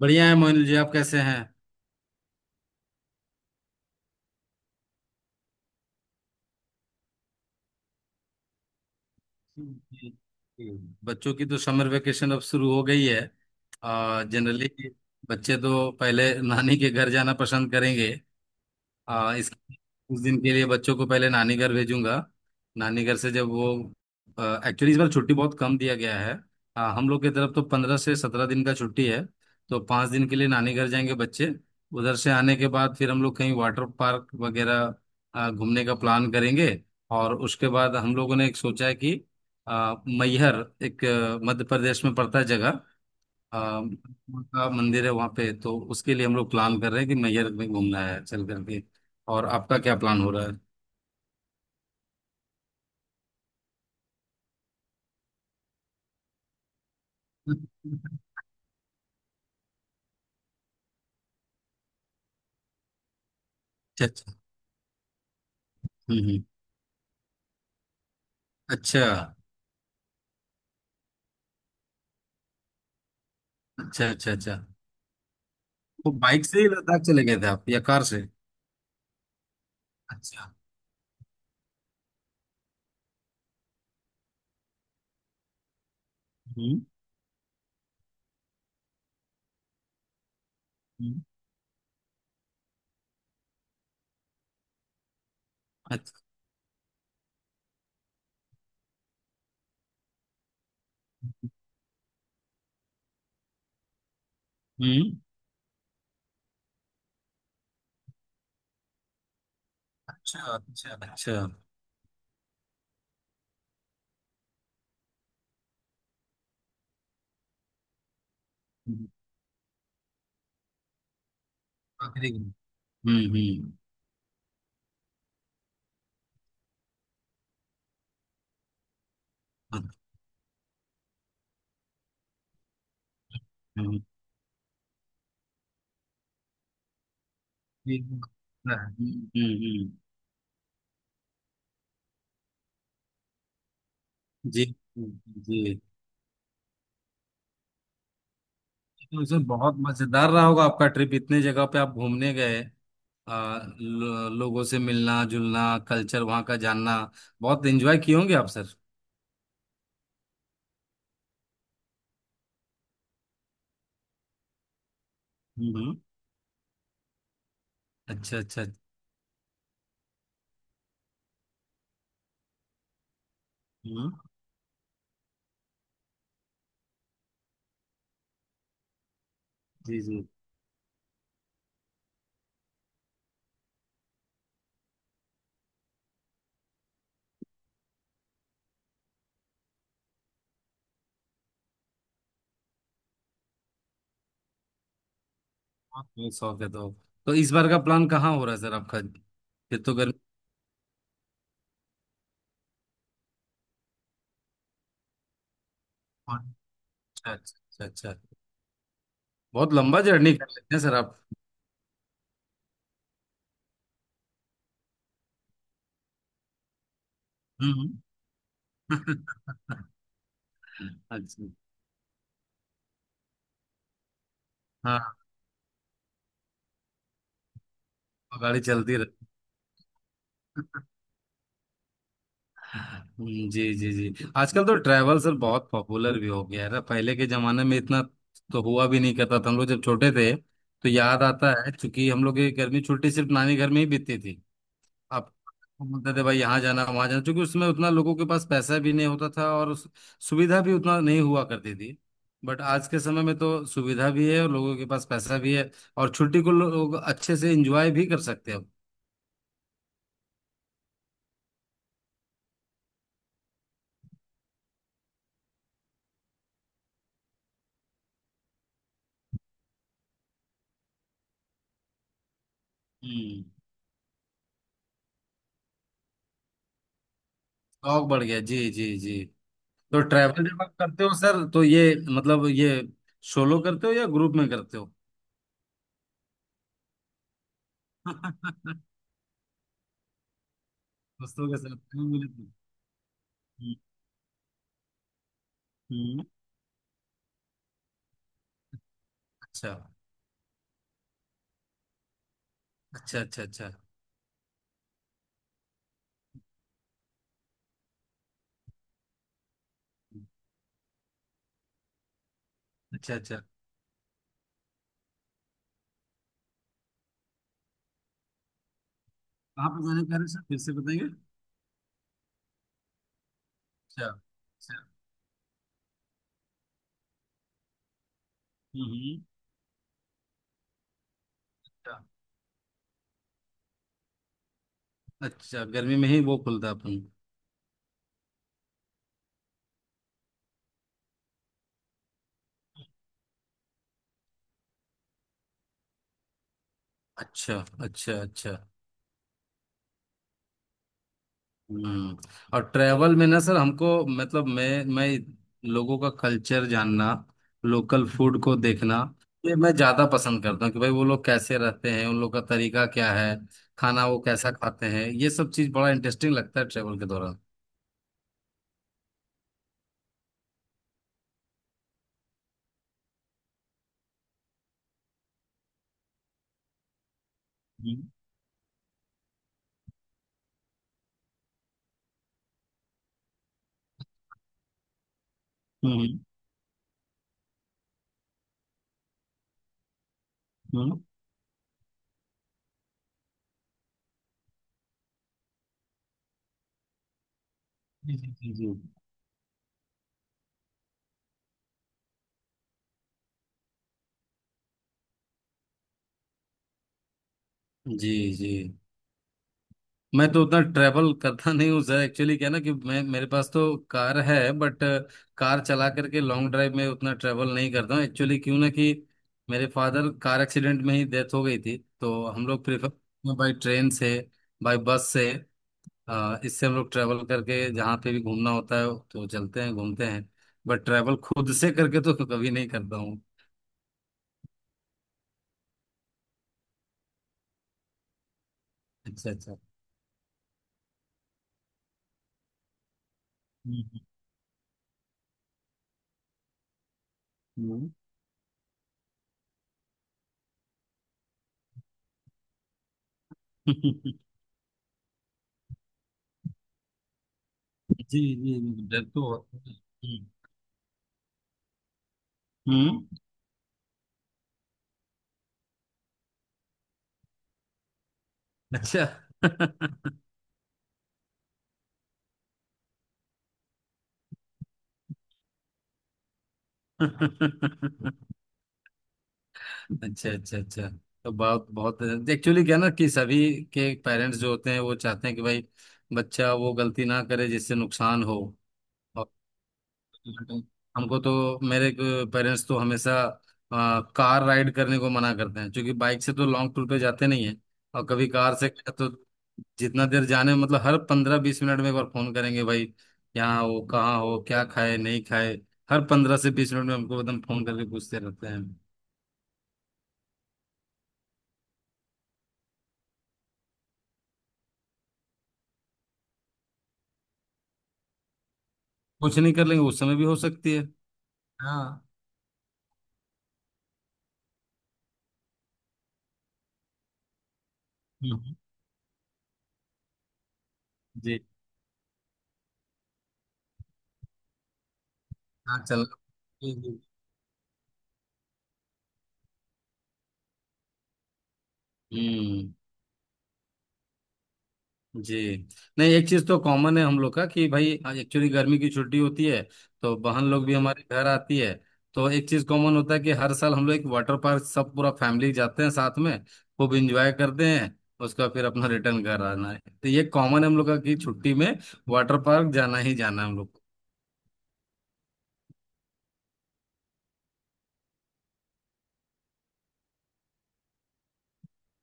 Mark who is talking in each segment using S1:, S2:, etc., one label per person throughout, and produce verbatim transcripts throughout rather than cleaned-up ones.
S1: बढ़िया है मोहिल जी, आप कैसे हैं? हम्म, हम्म। बच्चों की तो समर वेकेशन अब शुरू हो गई है। आ जनरली बच्चे तो पहले नानी के घर जाना पसंद करेंगे। हाँ, इस उस दिन के लिए बच्चों को पहले नानी घर भेजूंगा। नानी घर से जब वो। एक्चुअली इस बार छुट्टी बहुत कम दिया गया है। हाँ, हम लोग की तरफ तो पंद्रह से सत्रह दिन का छुट्टी है। तो पाँच दिन के लिए नानी घर जाएंगे बच्चे। उधर से आने के बाद फिर हम लोग कहीं वाटर पार्क वगैरह अ, घूमने का प्लान करेंगे। और उसके बाद हम लोगों ने एक सोचा है कि अ, मैहर एक अ, मध्य प्रदेश में पड़ता है जगह। आ, का मंदिर है वहाँ पे, तो उसके लिए हम लोग प्लान कर रहे हैं कि मैहर में घूमना है चल करके। और आपका क्या प्लान हो रहा है? अच्छा अच्छा। हम्म हम्म। अच्छा अच्छा अच्छा। अच्छा। वो बाइक से ही लद्दाख चले गए थे आप या कार से? अच्छा। हम्म हम्म। अच्छा। हम्म। अच्छा अच्छा अच्छा। हम्म। आखिरी। हम्म हम्म हम्म। हम्म। हम्म। हम्म। जी। जी। तो सर बहुत मजेदार रहा होगा आपका ट्रिप, इतने जगह पे आप घूमने गए। आ, लो, लोगों से मिलना जुलना, कल्चर वहाँ का जानना, बहुत एंजॉय किए होंगे आप सर। हम्म। अच्छा अच्छा। हम्म। जी जी। बहुत बहुत शौक है तो। तो इस बार का प्लान कहाँ हो रहा है सर आपका? फिर तो गर्मी। अच्छा अच्छा अच्छा अच्छा। बहुत लंबा जर्नी कर लेते हैं सर आप। हम्म। अच्छा। हाँ। गाड़ी चलती रहे। हम्म, जी जी जी, आजकल तो ट्रैवल सर बहुत पॉपुलर भी हो गया है ना? पहले के जमाने में इतना तो हुआ भी नहीं करता था। हम लोग जब छोटे थे तो याद आता है, चूंकि हम लोग की गर्मी छुट्टी सिर्फ नानी घर में ही बीतती थी। अब बोलते थे भाई यहाँ जाना वहां जाना, क्योंकि उसमें उतना लोगों के पास पैसा भी नहीं होता था, और उस- सुविधा भी उतना नहीं हुआ करती थी। बट आज के समय में तो सुविधा भी है और लोगों के पास पैसा भी है, और छुट्टी को लोग अच्छे से एंजॉय भी कर सकते हैं। हम्म। शौक बढ़ गया, जी जी जी। तो ट्रैवल जब आप करते हो सर, तो ये मतलब ये सोलो करते हो या ग्रुप में करते हो? दोस्तों के साथ। हाँ, मुझे तो- हम्म, हम्म। अच्छा अच्छा अच्छा। अच्छा अच्छा अच्छा। आप जाने कह रहे सर, फिर से बताएंगे? अच्छा अच्छा। हम्म हम्म। अच्छा। अच्छा, गर्मी में ही वो खुलता अपन? अच्छा अच्छा अच्छा। हम्म। और ट्रैवल में ना सर, हमको मतलब मैं मैं लोगों का कल्चर जानना, लोकल फूड को देखना, ये मैं ज्यादा पसंद करता हूँ कि भाई वो लोग कैसे रहते हैं, उन लोग का तरीका क्या है, खाना वो कैसा खाते हैं, ये सब चीज बड़ा इंटरेस्टिंग लगता है ट्रैवल के दौरान। हम्म हम्म हम्म। जी जी जी जी। जी जी। मैं तो उतना ट्रैवल करता नहीं हूँ सर, एक्चुअली क्या है ना कि मैं मेरे पास तो कार है, बट कार चला करके लॉन्ग ड्राइव में उतना ट्रैवल नहीं करता हूँ, एक्चुअली क्यों ना कि मेरे फादर कार एक्सीडेंट में ही डेथ हो गई थी, तो हम लोग प्रेफर बाई ट्रेन से, बाई बस से, अ, इससे हम लोग ट्रैवल करके जहाँ पे भी घूमना होता है तो चलते हैं घूमते हैं। बट ट्रैवल खुद से करके तो कभी नहीं करता हूँ। अच्छा अच्छा। हम्म, हम्म। हम्म। जी जी जी, डर तो होता है। हम्म। हम्म। अच्छा। अच्छा अच्छा अच्छा। तो बहुत बहुत एक्चुअली क्या ना कि सभी के पेरेंट्स जो होते हैं वो चाहते हैं कि भाई बच्चा वो गलती ना करे जिससे नुकसान हो। हमको तो मेरे पेरेंट्स तो हमेशा आ, कार राइड करने को मना करते हैं, क्योंकि बाइक से तो लॉन्ग टूर पे जाते नहीं है, और कभी कार से गए तो जितना देर जाने मतलब हर पंद्रह बीस मिनट में एक बार फोन करेंगे, भाई यहाँ हो कहाँ हो क्या खाए नहीं खाए। हर पंद्रह से बीस मिनट में हमको एकदम फोन करके पूछते रहते हैं। कुछ नहीं कर लेंगे, उस समय भी हो सकती है। हाँ। हम्म। जी। हाँ चल। हम्म। जी। नहीं, एक चीज तो कॉमन है हम लोग का कि भाई, एक्चुअली गर्मी की छुट्टी होती है, तो बहन लोग भी हमारे घर आती है, तो एक चीज कॉमन होता है कि हर साल हम लोग एक वाटर पार्क सब पूरा फैमिली जाते हैं साथ में, खूब इंजॉय करते हैं, उसका फिर अपना रिटर्न घर आना है, तो ये कॉमन है हम लोग का कि छुट्टी में वाटर पार्क जाना ही जाना है हम लोग को।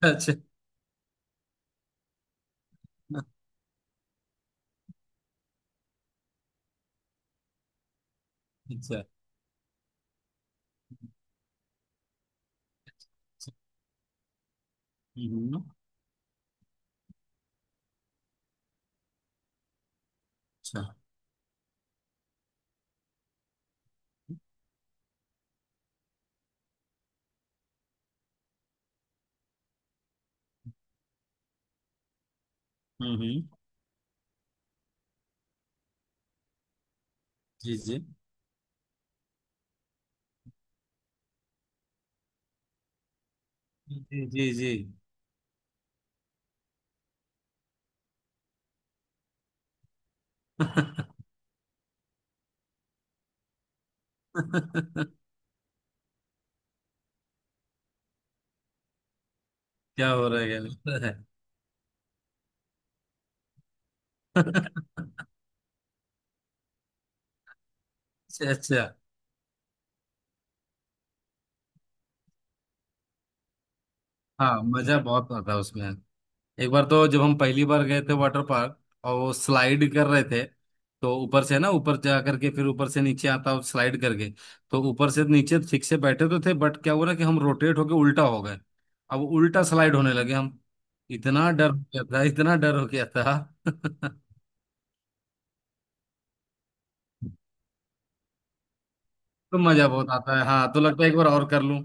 S1: अच्छा अच्छा। हम्म। अच्छा। हम्म हम्म। जी जी जी जी जी। क्या हो रहा है क्या हो रहा है। अच्छा अच्छा। हाँ, मजा बहुत आता है उसमें। एक बार तो जब हम पहली बार गए थे वाटर पार्क और वो स्लाइड कर रहे थे, तो ऊपर से ना ऊपर जा करके फिर ऊपर से नीचे आता और स्लाइड करके, तो ऊपर से नीचे ठीक से बैठे तो थे, बट क्या हुआ ना कि हम रोटेट होके उल्टा हो गए, अब उल्टा स्लाइड होने लगे हम। इतना डर हो गया था, इतना डर हो गया था। तो मजा बहुत आता है, हाँ, तो लगता है एक बार और कर लूं।